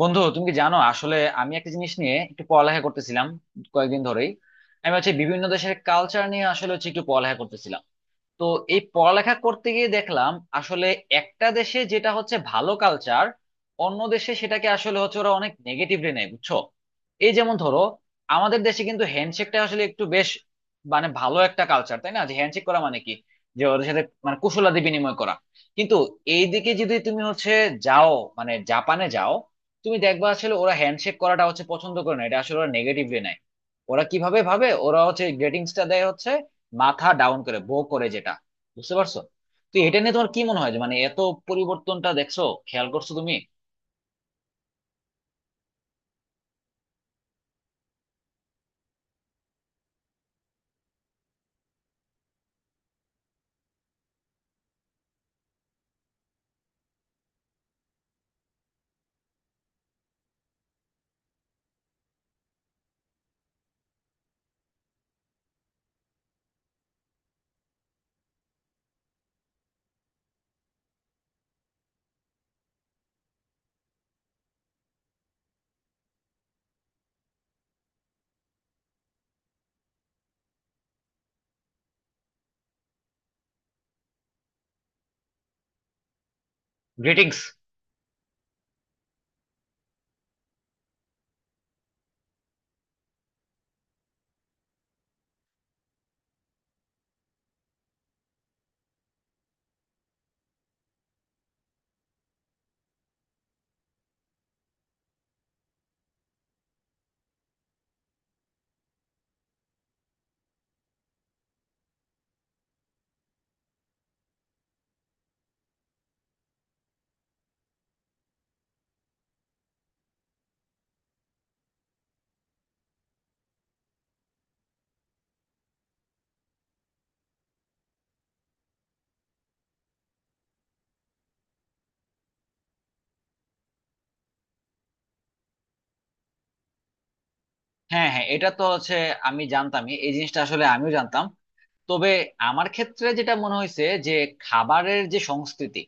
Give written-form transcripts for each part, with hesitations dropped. বন্ধু, তুমি কি জানো, আসলে আমি একটা জিনিস নিয়ে একটু পড়ালেখা করতেছিলাম কয়েকদিন ধরেই। আমি হচ্ছে বিভিন্ন দেশের কালচার নিয়ে আসলে হচ্ছে একটু পড়ালেখা করতেছিলাম। তো এই পড়ালেখা করতে গিয়ে দেখলাম আসলে একটা দেশে যেটা হচ্ছে ভালো কালচার, অন্য দেশে সেটাকে আসলে হচ্ছে ওরা অনেক নেগেটিভলি নেয়, বুঝছো? এই যেমন ধরো, আমাদের দেশে কিন্তু হ্যান্ডশেকটা আসলে একটু বেশ মানে ভালো একটা কালচার, তাই না? যে হ্যান্ডশেক করা মানে কি, যে ওদের সাথে মানে কুশলাদি বিনিময় করা। কিন্তু এইদিকে যদি তুমি হচ্ছে যাও, মানে জাপানে যাও, তুমি দেখবা আসলে ওরা হ্যান্ডশেক করাটা হচ্ছে পছন্দ করে না, এটা আসলে ওরা নেগেটিভলি নেয়। ওরা কিভাবে ভাবে, ওরা হচ্ছে গ্রেটিংসটা দেয় হচ্ছে মাথা ডাউন করে বো করে, যেটা, বুঝতে পারছো? তো এটা নিয়ে তোমার কি মনে হয়, যে মানে এত পরিবর্তনটা দেখছো, খেয়াল করছো তুমি? গ্রিটিংস। হ্যাঁ, হ্যাঁ, এটা তো হচ্ছে আমি জানতামই, এই জিনিসটা আসলে আমিও জানতাম। তবে আমার ক্ষেত্রে যেটা মনে হয়েছে যে খাবারের যে সংস্কৃতি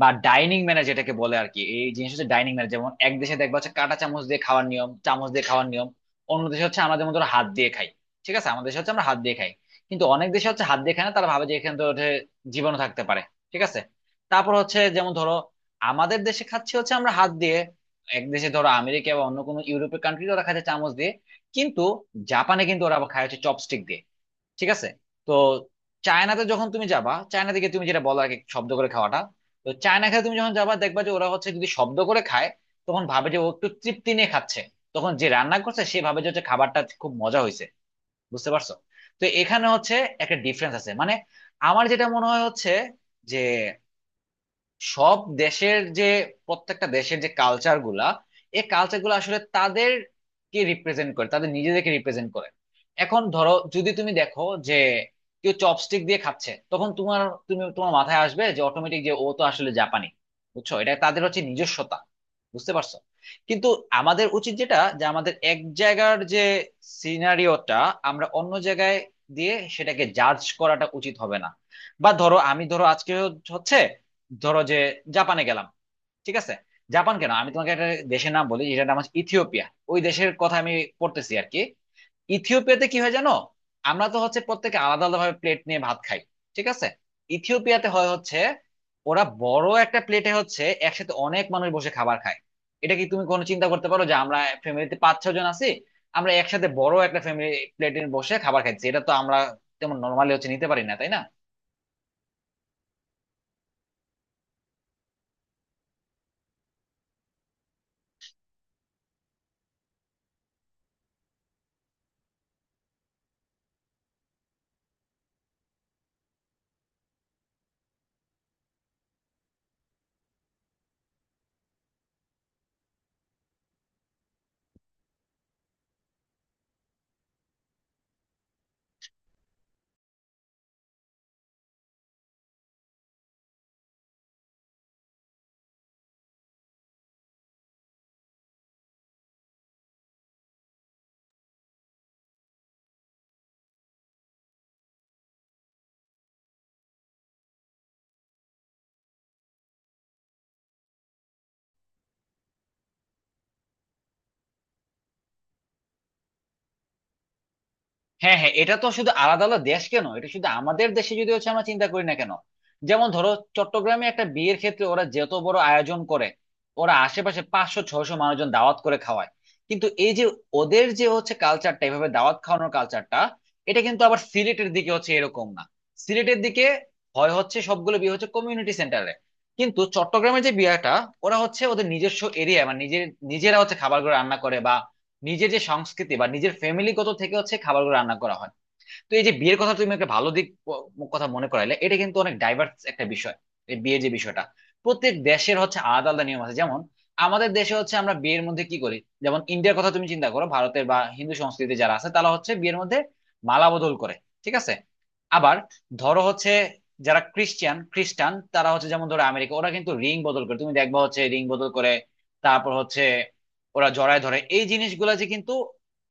বা ডাইনিং ম্যানার যেটাকে বলে আর কি, এই জিনিস হচ্ছে ডাইনিং ম্যানার। যেমন এক দেশে দেখবা হচ্ছে কাঁটা চামচ দিয়ে খাওয়ার নিয়ম, চামচ দিয়ে খাওয়ার নিয়ম। অন্য দেশে হচ্ছে আমাদের মতো হাত দিয়ে খাই। ঠিক আছে, আমাদের দেশে হচ্ছে আমরা হাত দিয়ে খাই। কিন্তু অনেক দেশে হচ্ছে হাত দিয়ে খায় না, তারা ভাবে যে এখানে তো ওঠে জীবাণু থাকতে পারে। ঠিক আছে। তারপর হচ্ছে যেমন ধরো, আমাদের দেশে খাচ্ছি হচ্ছে আমরা হাত দিয়ে, এক দেশে ধরো আমেরিকা বা অন্য কোনো ইউরোপের কান্ট্রি ওরা খাচ্ছে চামচ দিয়ে, কিন্তু জাপানে কিন্তু ওরা আবার খায় হচ্ছে চপস্টিক দিয়ে। ঠিক আছে। তো চায়নাতে যখন তুমি যাবা, চায়না থেকে তুমি যেটা বলো আগে শব্দ করে খাওয়াটা, তো চায়না খেয়ে তুমি যখন যাবা দেখবা যে ওরা হচ্ছে যদি শব্দ করে খায় তখন ভাবে যে ও একটু তৃপ্তি নিয়ে খাচ্ছে, তখন যে রান্না করছে সে ভাবে যে হচ্ছে খাবারটা খুব মজা হয়েছে। বুঝতে পারছো? তো এখানে হচ্ছে একটা ডিফারেন্স আছে, মানে আমার যেটা মনে হয় হচ্ছে যে সব দেশের যে প্রত্যেকটা দেশের যে কালচার গুলা, এই কালচার গুলা আসলে তাদেরকে রিপ্রেজেন্ট করে, তাদের নিজেদেরকে রিপ্রেজেন্ট করে। এখন ধরো, যদি তুমি দেখো যে কেউ চপস্টিক দিয়ে খাচ্ছে, তখন তোমার তুমি তোমার মাথায় আসবে যে অটোমেটিক যে ও তো আসলে জাপানি। বুঝছো, এটা তাদের হচ্ছে নিজস্বতা, বুঝতে পারছো? কিন্তু আমাদের উচিত যেটা, যে আমাদের এক জায়গার যে সিনারিওটা আমরা অন্য জায়গায় দিয়ে সেটাকে জাজ করাটা উচিত হবে না। বা ধরো, আমি ধরো আজকে হচ্ছে ধরো যে জাপানে গেলাম, ঠিক আছে। জাপান কেন, আমি তোমাকে একটা দেশের নাম বলি যেটা নাম হচ্ছে ইথিওপিয়া। ওই দেশের কথা আমি পড়তেছি আর কি। ইথিওপিয়াতে কি হয় জানো, আমরা তো হচ্ছে প্রত্যেকে আলাদা আলাদা ভাবে প্লেট নিয়ে ভাত খাই, ঠিক আছে। ইথিওপিয়াতে হয় হচ্ছে ওরা বড় একটা প্লেটে হচ্ছে একসাথে অনেক মানুষ বসে খাবার খায়। এটা কি তুমি কোনো চিন্তা করতে পারো যে আমরা ফ্যামিলিতে পাঁচ ছয় জন আছি, আমরা একসাথে বড় একটা ফ্যামিলি প্লেটে বসে খাবার খাচ্ছি? এটা তো আমরা তেমন নর্মালি হচ্ছে নিতে পারি না, তাই না? হ্যাঁ, হ্যাঁ, এটা তো শুধু আলাদা আলাদা দেশ কেন, এটা শুধু আমাদের দেশে যদি হচ্ছে আমরা চিন্তা করি না কেন, যেমন ধরো, চট্টগ্রামে একটা বিয়ের ক্ষেত্রে ওরা যত বড় আয়োজন করে, ওরা আশেপাশে 500 600 মানুষজন দাওয়াত করে খাওয়ায়। কিন্তু এই যে ওদের যে হচ্ছে কালচারটা, এভাবে দাওয়াত খাওয়ানোর কালচারটা, এটা কিন্তু আবার সিলেটের দিকে হচ্ছে এরকম না। সিলেটের দিকে হয় হচ্ছে সবগুলো বিয়ে হচ্ছে কমিউনিটি সেন্টারে। কিন্তু চট্টগ্রামের যে বিয়েটা, ওরা হচ্ছে ওদের নিজস্ব এরিয়া মানে নিজের, নিজেরা হচ্ছে খাবারগুলো রান্না করে, নিজের যে সংস্কৃতি বা নিজের ফ্যামিলিগত থেকে হচ্ছে খাবারগুলো রান্না করা হয়। তো এই যে বিয়ের কথা তুমি একটা ভালো দিক কথা মনে করাইলে, এটা কিন্তু অনেক ডাইভার্স একটা বিষয়। এই বিয়ের যে বিষয়টা, প্রত্যেক দেশের হচ্ছে আলাদা আলাদা নিয়ম আছে। যেমন আমাদের দেশে হচ্ছে আমরা বিয়ের মধ্যে কি করি, যেমন ইন্ডিয়ার কথা তুমি চিন্তা করো, ভারতের বা হিন্দু সংস্কৃতিতে যারা আছে তারা হচ্ছে বিয়ের মধ্যে মালা বদল করে, ঠিক আছে। আবার ধরো হচ্ছে যারা ক্রিশ্চিয়ান খ্রিস্টান তারা হচ্ছে, যেমন ধরো আমেরিকা, ওরা কিন্তু রিং বদল করে, তুমি দেখবা হচ্ছে রিং বদল করে। তারপর হচ্ছে ওরা জড়ায় ধরে, এই জিনিসগুলা যে কিন্তু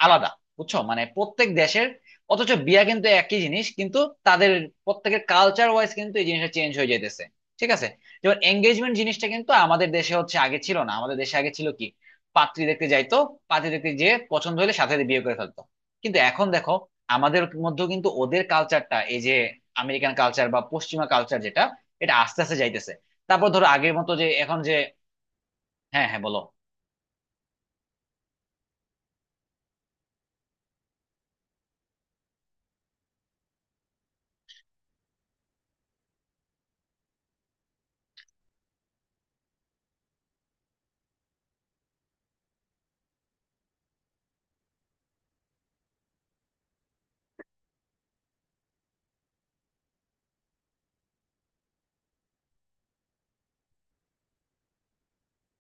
আলাদা, বুঝছো, মানে প্রত্যেক দেশের। অথচ বিয়া কিন্তু একই জিনিস, কিন্তু তাদের প্রত্যেকের কালচার ওয়াইজ কিন্তু এই জিনিসটা চেঞ্জ হয়ে যাইতেছে। ঠিক আছে। যেমন এঙ্গেজমেন্ট জিনিসটা কিন্তু আমাদের দেশে হচ্ছে আগে ছিল না, আমাদের দেশে আগে ছিল কি, পাত্রী দেখতে যাইতো, পাত্রী দেখতে যে পছন্দ হলে সাথে সাথে বিয়ে করে ফেলতো। কিন্তু এখন দেখো, আমাদের মধ্যেও কিন্তু ওদের কালচারটা, এই যে আমেরিকান কালচার বা পশ্চিমা কালচার যেটা, এটা আস্তে আস্তে যাইতেছে। তারপর ধরো আগের মতো যে এখন যে, হ্যাঁ হ্যাঁ বলো।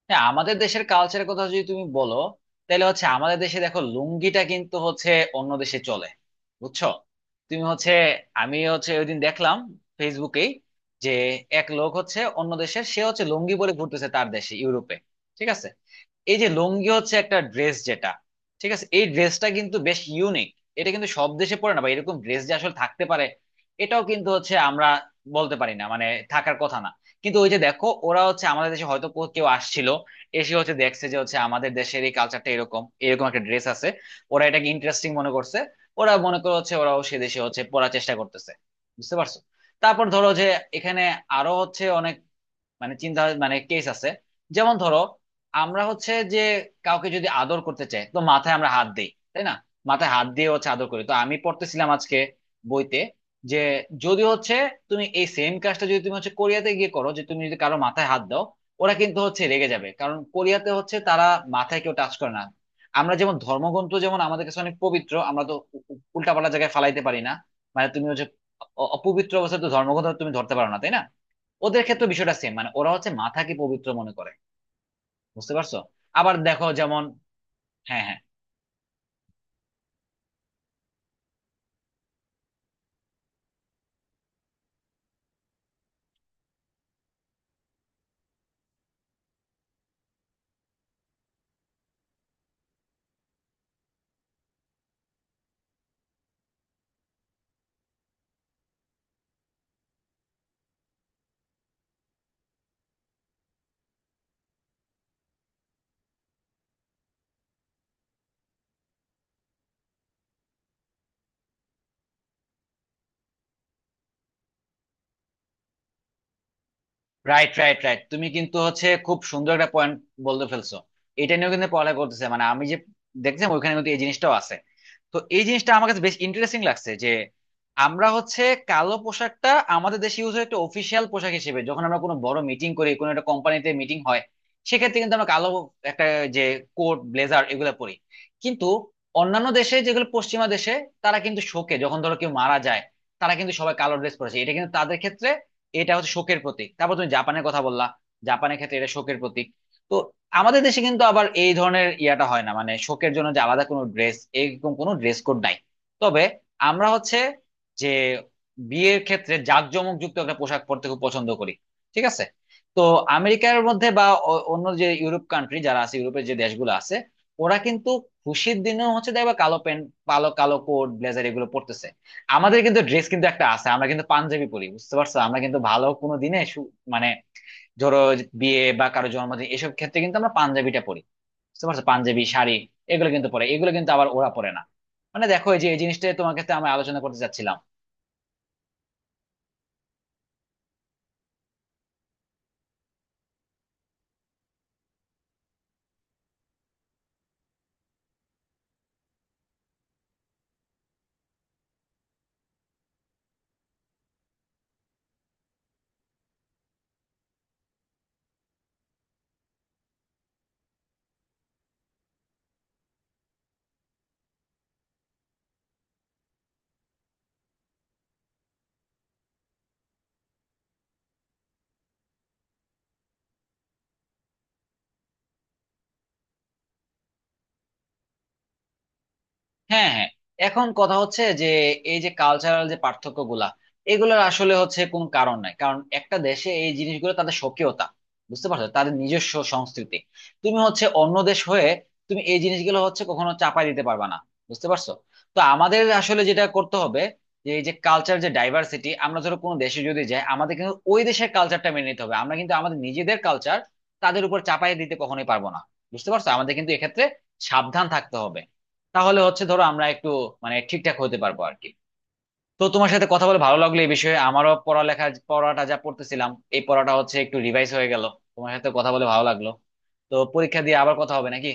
হ্যাঁ, আমাদের দেশের কালচারের কথা যদি তুমি বলো, তাহলে হচ্ছে আমাদের দেশে দেখো লুঙ্গিটা কিন্তু হচ্ছে অন্য দেশে চলে, বুঝছো। তুমি হচ্ছে, আমি হচ্ছে ওইদিন দেখলাম ফেসবুকেই যে এক লোক হচ্ছে অন্য দেশের, সে হচ্ছে লুঙ্গি পরে ঘুরতেছে তার দেশে, ইউরোপে। ঠিক আছে। এই যে লুঙ্গি হচ্ছে একটা ড্রেস যেটা, ঠিক আছে, এই ড্রেসটা কিন্তু বেশ ইউনিক। এটা কিন্তু সব দেশে পরে না, বা এরকম ড্রেস যে আসলে থাকতে পারে এটাও কিন্তু হচ্ছে আমরা বলতে পারি না, মানে থাকার কথা না। কিন্তু ওই যে দেখো ওরা হচ্ছে আমাদের দেশে হয়তো কেউ আসছিল, এসে হচ্ছে দেখছে যে হচ্ছে আমাদের দেশের এই কালচারটা এরকম, এরকম একটা ড্রেস আছে, ওরা এটাকে ইন্টারেস্টিং মনে করছে। ওরা মনে করে হচ্ছে ওরাও সে দেশে হচ্ছে পড়ার চেষ্টা করতেছে, বুঝতে পারছো? তারপর ধরো যে এখানে আরো হচ্ছে অনেক মানে চিন্তা মানে কেস আছে। যেমন ধরো, আমরা হচ্ছে যে কাউকে যদি আদর করতে চাই তো মাথায় আমরা হাত দিই, তাই না? মাথায় হাত দিয়ে হচ্ছে আদর করি। তো আমি পড়তেছিলাম আজকে বইতে, যে যদি হচ্ছে তুমি এই সেম কাজটা যদি তুমি হচ্ছে কোরিয়াতে গিয়ে করো, যে তুমি যদি কারো মাথায় হাত দাও, ওরা কিন্তু হচ্ছে রেগে যাবে, কারণ কোরিয়াতে হচ্ছে তারা মাথায় কেউ টাচ করে না। আমরা যেমন ধর্মগ্রন্থ, যেমন আমাদের কাছে অনেক পবিত্র, আমরা তো উল্টাপাল্টা জায়গায় ফালাইতে পারি না, মানে তুমি হচ্ছে অপবিত্র অবস্থায় তো ধর্মগ্রন্থ তুমি ধরতে পারো না, তাই না? ওদের ক্ষেত্রে বিষয়টা সেম, মানে ওরা হচ্ছে মাথাকে পবিত্র মনে করে, বুঝতে পারছো? আবার দেখো যেমন, হ্যাঁ হ্যাঁ, রাইট রাইট রাইট, তুমি কিন্তু হচ্ছে খুব সুন্দর একটা পয়েন্ট বলতে ফেলছো। এটা নিয়েও কিন্তু পড়ালেখা করতেছে, মানে আমি যে দেখছিলাম ওইখানে কিন্তু এই জিনিসটাও আছে। তো এই জিনিসটা আমার কাছে বেশ ইন্টারেস্টিং লাগছে যে, আমরা হচ্ছে কালো পোশাকটা আমাদের দেশে ইউজ হয় একটা অফিসিয়াল পোশাক হিসেবে, যখন আমরা কোনো বড় মিটিং করি, কোনো একটা কোম্পানিতে মিটিং হয় সেক্ষেত্রে কিন্তু আমরা কালো একটা যে কোট ব্লেজার এগুলো পরি। কিন্তু অন্যান্য দেশে, যেগুলো পশ্চিমা দেশে, তারা কিন্তু শোকে, যখন ধরো কেউ মারা যায়, তারা কিন্তু সবাই কালো ড্রেস পরেছে, এটা কিন্তু তাদের ক্ষেত্রে এটা হচ্ছে শোকের প্রতীক। তারপর তুমি জাপানের কথা বললা, জাপানের ক্ষেত্রে এটা শোকের প্রতীক। তো আমাদের দেশে কিন্তু আবার এই ধরনের ইয়াটা হয় না, মানে শোকের জন্য যে আলাদা কোনো ড্রেস, এরকম কোনো ড্রেস কোড নাই। তবে আমরা হচ্ছে যে বিয়ের ক্ষেত্রে জাঁকজমক যুক্ত একটা পোশাক পরতে খুব পছন্দ করি, ঠিক আছে। তো আমেরিকার মধ্যে বা অন্য যে ইউরোপ কান্ট্রি যারা আছে, ইউরোপের যে দেশগুলো আছে, ওরা কিন্তু খুশির দিনেও হচ্ছে দেখবা কালো প্যান্ট, কালো কালো কোট ব্লেজার এগুলো পরতেছে। আমাদের কিন্তু ড্রেস কিন্তু একটা আছে, আমরা কিন্তু পাঞ্জাবি পরি, বুঝতে পারছো? আমরা কিন্তু ভালো কোনো দিনে মানে ধরো যে বিয়ে বা কারো জন্মদিন, এসব ক্ষেত্রে কিন্তু আমরা পাঞ্জাবিটা পরি, বুঝতে পারছো? পাঞ্জাবি শাড়ি এগুলো কিন্তু পরে, এগুলো কিন্তু আবার ওরা পরে না। মানে দেখো, এই যে এই জিনিসটা তোমার কাছে আমি আলোচনা করতে চাচ্ছিলাম। হ্যাঁ, হ্যাঁ। এখন কথা হচ্ছে যে, এই যে কালচারাল যে পার্থক্য গুলা, এগুলোর আসলে হচ্ছে কোন কারণ নাই, কারণ একটা দেশে এই জিনিসগুলো তাদের স্বকীয়তা, বুঝতে পারছো, তাদের নিজস্ব সংস্কৃতি। তুমি হচ্ছে অন্য দেশ হয়ে তুমি এই জিনিসগুলো হচ্ছে কখনো চাপাই দিতে পারবে না, বুঝতে পারছো? তো আমাদের আসলে যেটা করতে হবে, যে এই যে কালচার যে ডাইভার্সিটি, আমরা ধরো কোনো দেশে যদি যাই, আমাদের কিন্তু ওই দেশের কালচারটা মেনে নিতে হবে, আমরা কিন্তু আমাদের নিজেদের কালচার তাদের উপর চাপাই দিতে কখনোই পারবো না। বুঝতে পারছো, আমাদের কিন্তু এক্ষেত্রে সাবধান থাকতে হবে, তাহলে হচ্ছে ধরো আমরা একটু মানে ঠিকঠাক হতে পারবো আর কি। তো তোমার সাথে কথা বলে ভালো লাগলো, এই বিষয়ে আমারও পড়ালেখা পড়াটা যা পড়তেছিলাম, এই পড়াটা হচ্ছে একটু রিভাইজ হয়ে গেল। তোমার সাথে কথা বলে ভালো লাগলো। তো পরীক্ষা দিয়ে আবার কথা হবে নাকি?